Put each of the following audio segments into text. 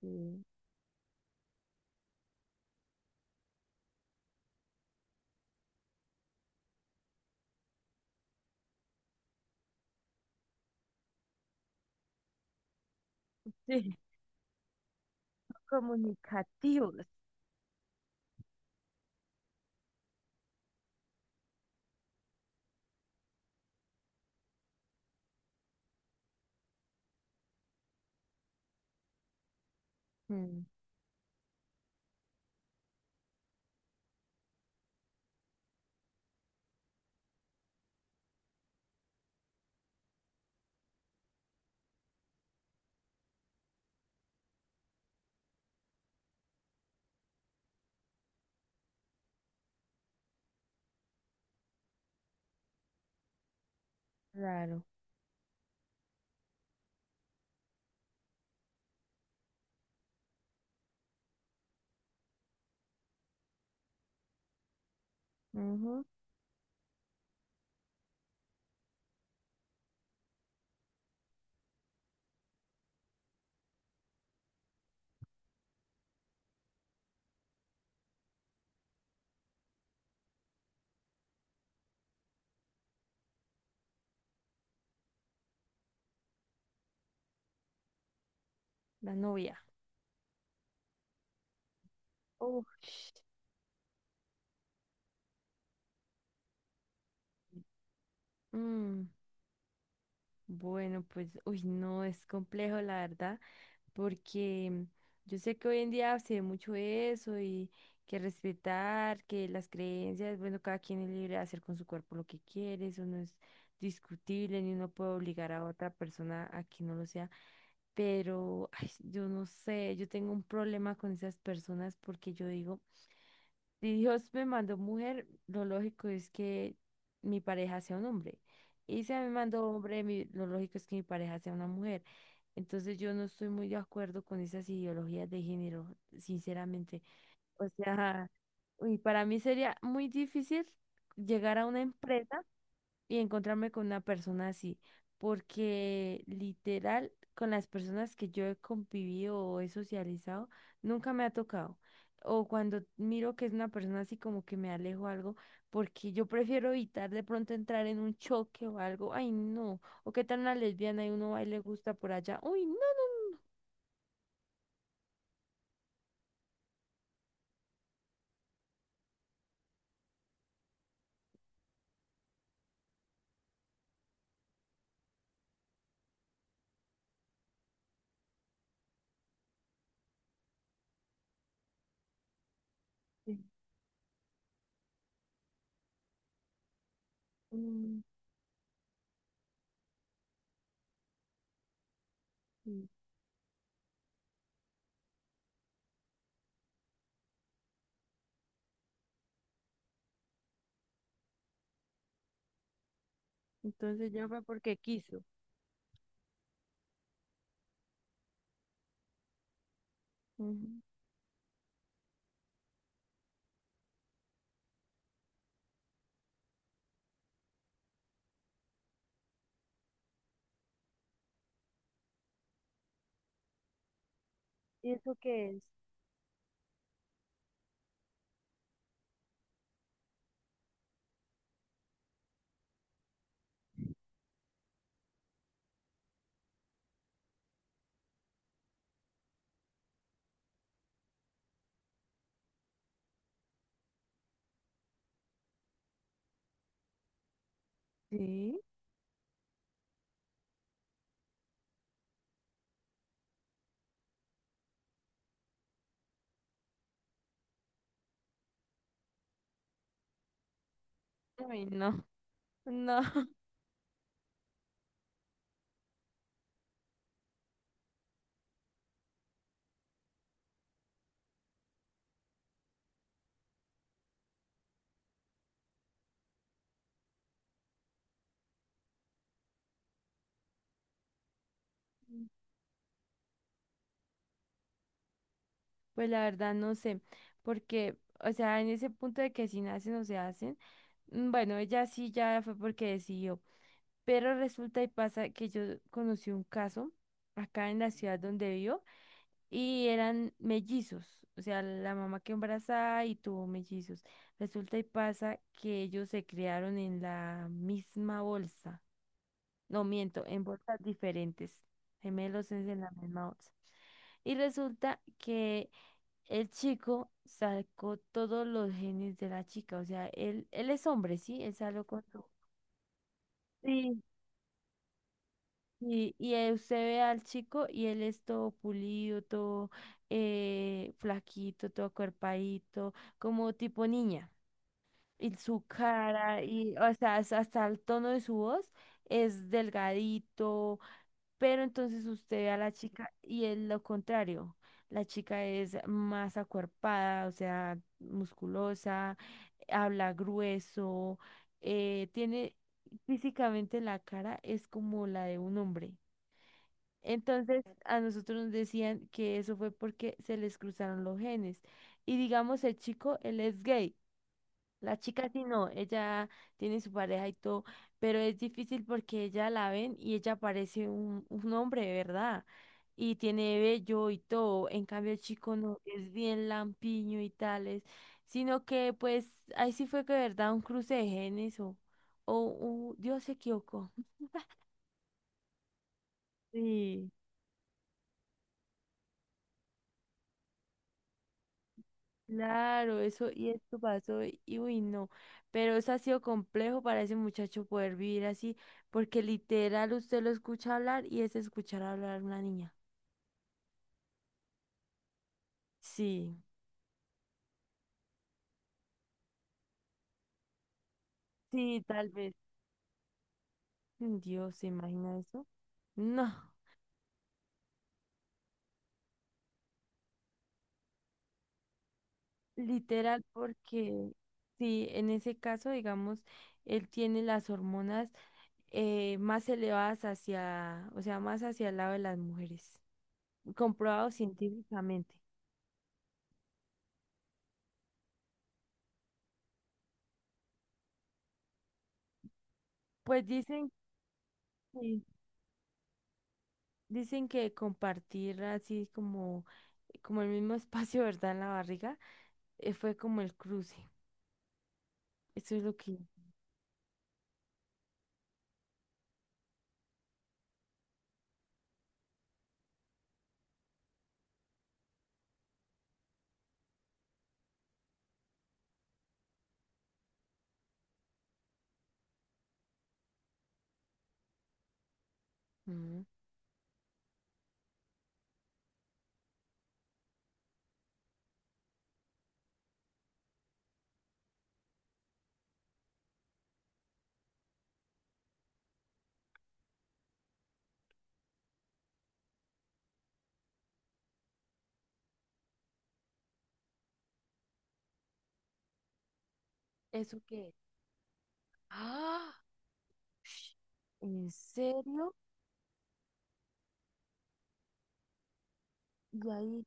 Sí. Sí, comunicativos. Mm, claro. Ujú. La novia. Uf. Mm. Bueno, pues, uy, no, es complejo, la verdad, porque yo sé que hoy en día se ve mucho eso y que respetar, que las creencias, bueno, cada quien es libre de hacer con su cuerpo lo que quiere, eso no es discutible, ni uno puede obligar a otra persona a que no lo sea, pero ay, yo no sé, yo tengo un problema con esas personas porque yo digo, si Dios me mandó mujer, lo lógico es que mi pareja sea un hombre. Y se me mandó hombre, lo lógico es que mi pareja sea una mujer. Entonces yo no estoy muy de acuerdo con esas ideologías de género, sinceramente. O sea, uy, para mí sería muy difícil llegar a una empresa y encontrarme con una persona así, porque literal, con las personas que yo he convivido o he socializado, nunca me ha tocado. O cuando miro que es una persona así como que me alejo algo, porque yo prefiero evitar de pronto entrar en un choque o algo. Ay, no. O qué tal una lesbiana y uno va y le gusta por allá. Uy, no, no. Sí, no. Sí. Mm, sí. Entonces ya fue porque quiso. Ujú. ¿Y eso qué es? Sí. Ay, no. No. Pues la verdad no sé, porque, o sea, en ese punto de que si nacen o se hacen, mm, bueno, ella sí ya fue porque decidió, pero resulta y pasa que yo conocí un caso acá en la ciudad donde vivo y eran mellizos, o sea, la mamá que embarazada y tuvo mellizos. Resulta y pasa que ellos se criaron en la misma bolsa, no miento, en bolsas diferentes, gemelos es en la misma bolsa. Y resulta que el chico sacó todos los genes de la chica, o sea, él es hombre, ¿sí? Él salió con su... Sí. Usted ve al chico y él es todo pulido, todo flaquito, todo cuerpadito, como tipo niña. Y su cara, y o sea, hasta el tono de su voz es delgadito. Pero entonces usted ve a la chica y es lo contrario. La chica es más acuerpada, o sea, musculosa, habla grueso, tiene físicamente la cara es como la de un hombre. Entonces a nosotros nos decían que eso fue porque se les cruzaron los genes. Y digamos, el chico, él es gay. La chica sí no, ella tiene su pareja y todo, pero es difícil porque ella la ven y ella parece un hombre de verdad y tiene vello y todo. En cambio el chico no, es bien lampiño y tales, sino que pues ahí sí fue que de verdad un cruce de genes o, o Dios se equivocó. Sí. Claro, eso y esto pasó y uy, no, pero eso ha sido complejo para ese muchacho poder vivir así, porque literal usted lo escucha hablar y es escuchar hablar a una niña. Sí, sí, tal vez. Mm, Dios, ¿se imagina eso? No, literal, porque sí, en ese caso, digamos, él tiene las hormonas más elevadas hacia, o sea, más hacia el lado de las mujeres, comprobado científicamente. Pues dicen que. Dicen que compartir así como, como el mismo espacio, ¿verdad? En la barriga, fue como el cruce. Eso es lo que... Mm. ¿Eso qué es? ¡Ah! Ush. ¿En serio? Y ahí,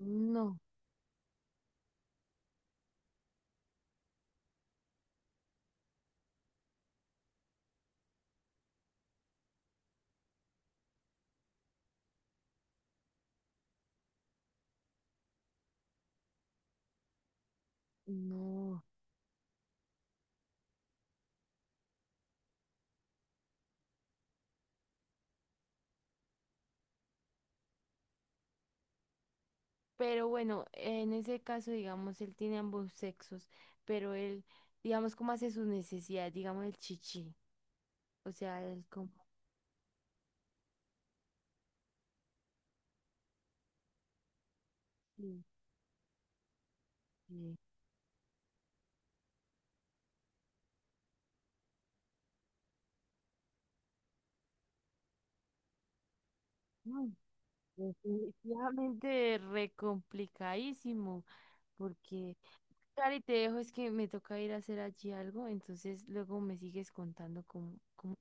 no, no. Pero bueno, en ese caso, digamos, él tiene ambos sexos, pero él, digamos, cómo hace sus necesidades, digamos, el chichi. O sea, él como... que- que, mm, Definitivamente re complicadísimo, porque Cari, te dejo, es que me toca ir a hacer allí algo, entonces luego me sigues contando cómo, cómo